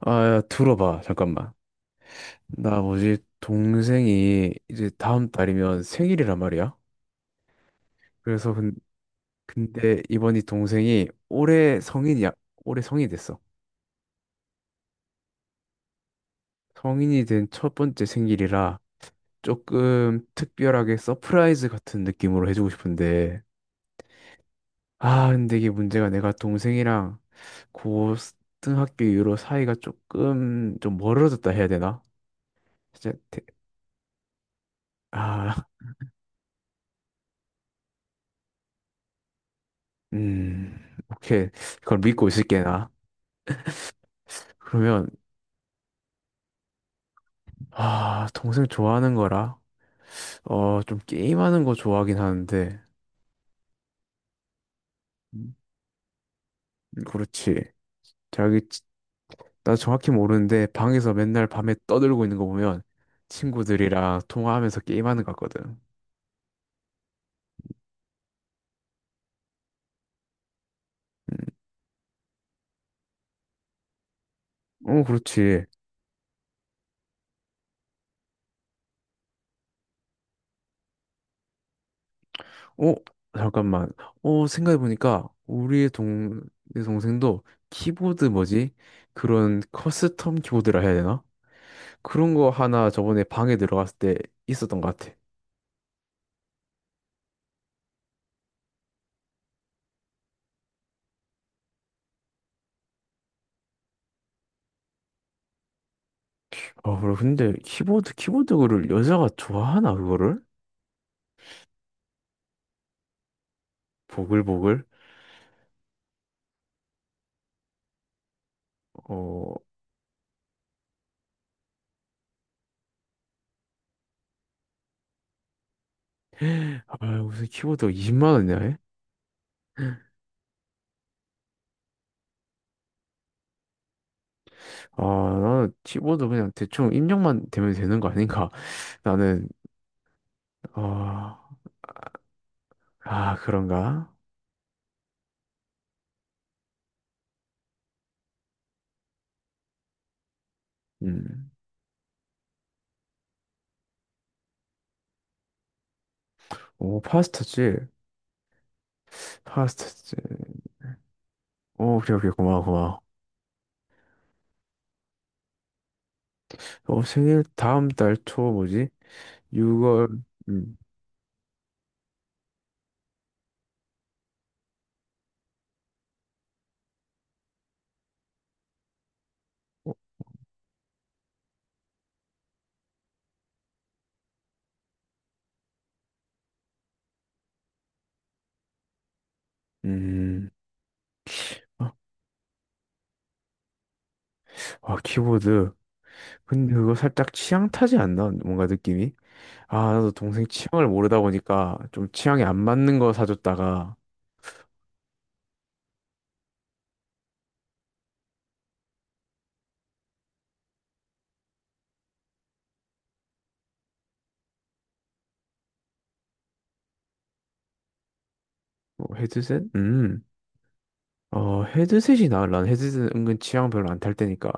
아, 야, 들어봐. 잠깐만. 나 뭐지? 동생이 이제 다음 달이면 생일이란 말이야. 그래서 근데 이번이 동생이 올해 성인이야. 올해 성인이 됐어. 성인이 된 첫 번째 생일이라 조금 특별하게 서프라이즈 같은 느낌으로 해주고 싶은데. 아, 근데 이게 문제가 내가 동생이랑 고등학교 이후로 사이가 조금 좀 멀어졌다 해야 되나? 진짜 아, 음, 오케이. 그걸 믿고 있을게, 나. 그러면 아, 동생 좋아하는 거라, 어, 좀 게임하는 거 좋아하긴 하는데, 음, 그렇지. 자기 치- 나 정확히 모르는데 방에서 맨날 밤에 떠들고 있는 거 보면 친구들이랑 통화하면서 게임하는 것 같거든. 음, 어, 그렇지. 어, 잠깐만. 생각해 보니까 우리의 동 내 동생도 키보드 뭐지, 그런 커스텀 키보드라 해야 되나, 그런 거 하나 저번에 방에 들어갔을 때 있었던 것 같아. 아, 그래. 근데 키보드를 여자가 좋아하나, 그거를? 보글보글? 어, 아, 무슨 키보드가 20만 원이냐, 해? 아, 나는 키보드 그냥 대충 입력만 되면 되는 거 아닌가? 나는, 아, 아, 그런가? 음. 오, 파스타지? 파스타지. 오, 오케이, 오케이, 고마워, 고마워. 어, 생일 다음 달 초, 뭐지? 6월, 음, 어, 음. 아, 아, 키보드. 근데 그거 살짝 취향 타지 않나? 뭔가 느낌이? 아, 나도 동생 취향을 모르다 보니까 좀 취향에 안 맞는 거 사줬다가. 뭐 헤드셋? 음. 어, 헤드셋이 나아. 난 헤드셋은 은근 취향 별로 안 탈 때니까.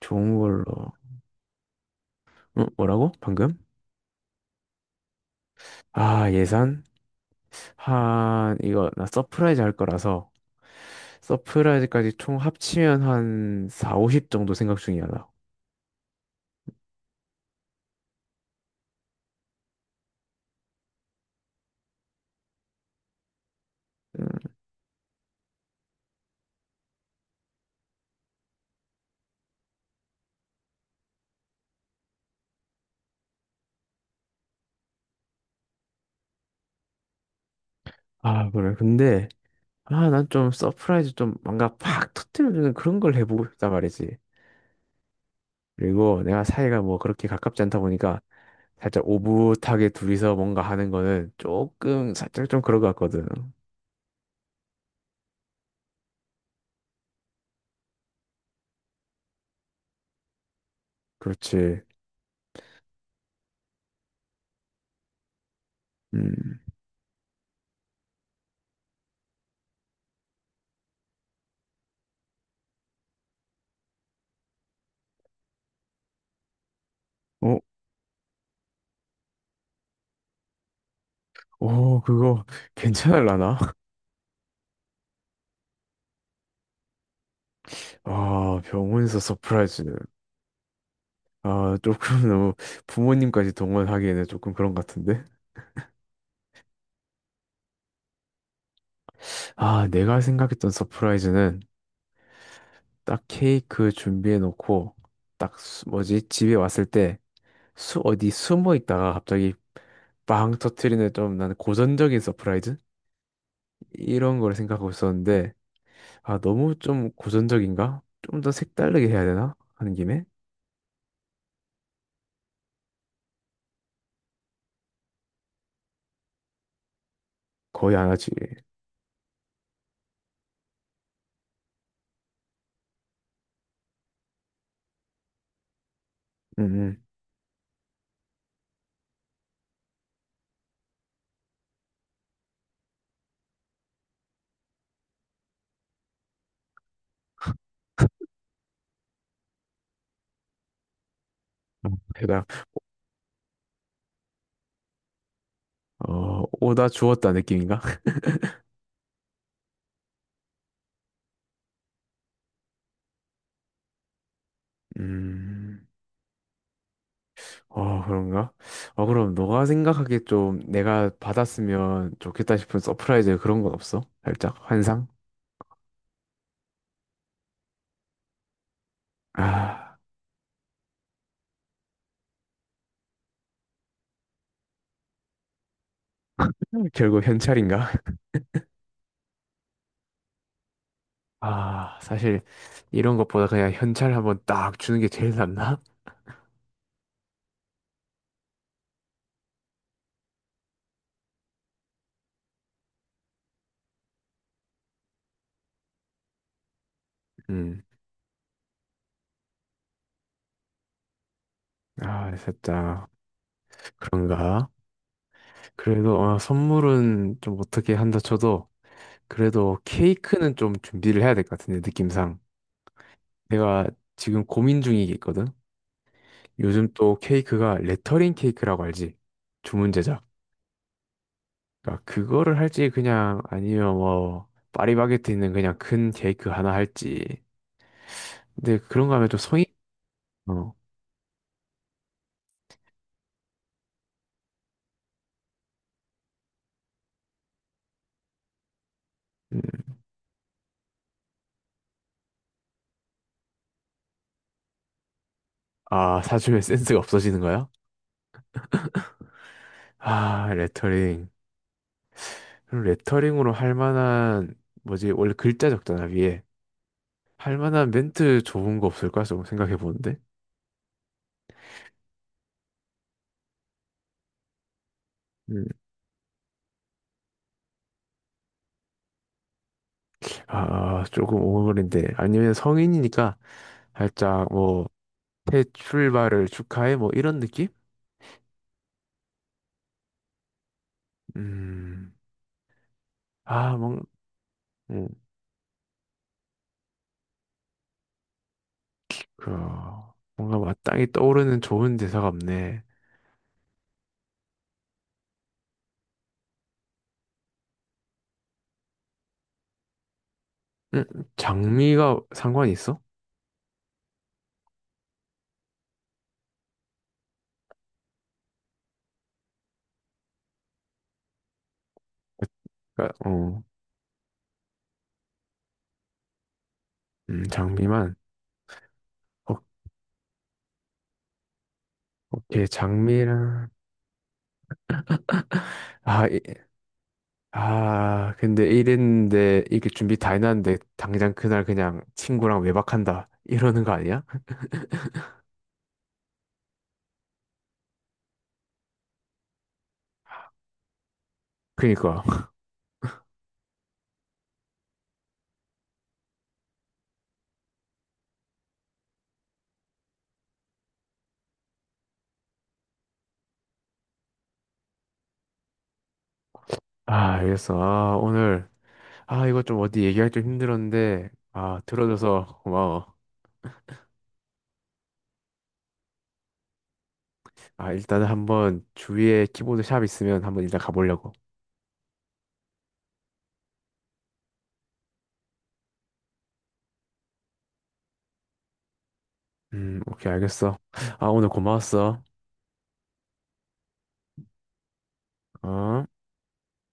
좋은 걸로. 어, 뭐라고? 방금? 아, 예산? 한, 이거, 나 서프라이즈 할 거라서, 서프라이즈까지 총 합치면 한 4, 50 정도 생각 중이야, 나. 음, 아, 그래. 근데, 아, 난 좀 서프라이즈 좀 뭔가 팍 터뜨려주는 그런 걸 해보고 싶단 말이지. 그리고 내가 사이가 뭐 그렇게 가깝지 않다 보니까 살짝 오붓하게 둘이서 뭔가 하는 거는 조금 살짝 좀 그런 것 같거든. 그렇지. 음. 어, 어, 그거 괜찮을라나? 아, 병원에서 서프라이즈. 아, 조금 너무 부모님까지 동원하기에는 조금 그런 것 같은데? 아, 내가 생각했던 서프라이즈는 딱 케이크 준비해 놓고 뭐지? 집에 왔을 때 어디 숨어 있다가 갑자기 빵 터트리는, 좀 나는 고전적인 서프라이즈? 이런 걸 생각하고 있었는데. 아, 너무 좀 고전적인가? 좀 더 색다르게 해야 되나? 하는 김에. 거의 안 하지. 음, 음. 어, 대답. 어, 오다 주었다 느낌인가? 음, 어, 그런가? 어, 그럼 너가 생각하기에 좀 내가 받았으면 좋겠다 싶은 서프라이즈, 그런 건 없어? 살짝 환상? 아, 결국 현찰인가? 아, 사실 이런 것보다 그냥 현찰 한번 딱 주는 게 제일 낫나? 음, 아, 살짝 그런가? 그래도 어, 선물은 좀 어떻게 한다 쳐도 그래도 케이크는 좀 준비를 해야 될 것 같은데, 느낌상. 내가 지금 고민 중이겠거든. 요즘 또 케이크가 레터링 케이크라고 알지? 주문 제작. 그러니까 그거를 할지, 그냥 아니면 뭐 파리바게트 있는 그냥 큰 케이크 하나 할지. 근데 그런 거 하면 좀 성의. 어. 음. 아, 사주면 센스가 없어지는 거야? 아, 레터링. 그럼 레터링으로 할 만한 뭐지? 원래 글자 적잖아, 위에. 할 만한 멘트 좋은 거 없을까? 조금 생각해 보는데. 음. 아, 조금 오글거린데. 아니면 성인이니까 살짝 뭐, 새 출발을 축하해, 뭐, 이런 느낌? 음, 아, 뭔, 음, 그, 뭔가 마땅히 떠오르는 좋은 대사가 없네. 음, 장미가 상관이 있어? 그러니까, 어, 장미만. 어, 오케이, 장미랑. 아, 아, 근데 이랬는데, 이게 준비 다 해놨는데, 당장 그날 그냥 친구랑 외박한다. 이러는 거 아니야? 그니까. 아, 알겠어. 아, 오늘, 아, 이거 좀 어디 얘기하기 좀 힘들었는데, 아, 들어줘서 고마워. 아, 일단은 한번 주위에 키보드 샵 있으면 한번 일단 가보려고. 오케이, 알겠어. 아, 오늘 고마웠어. 어?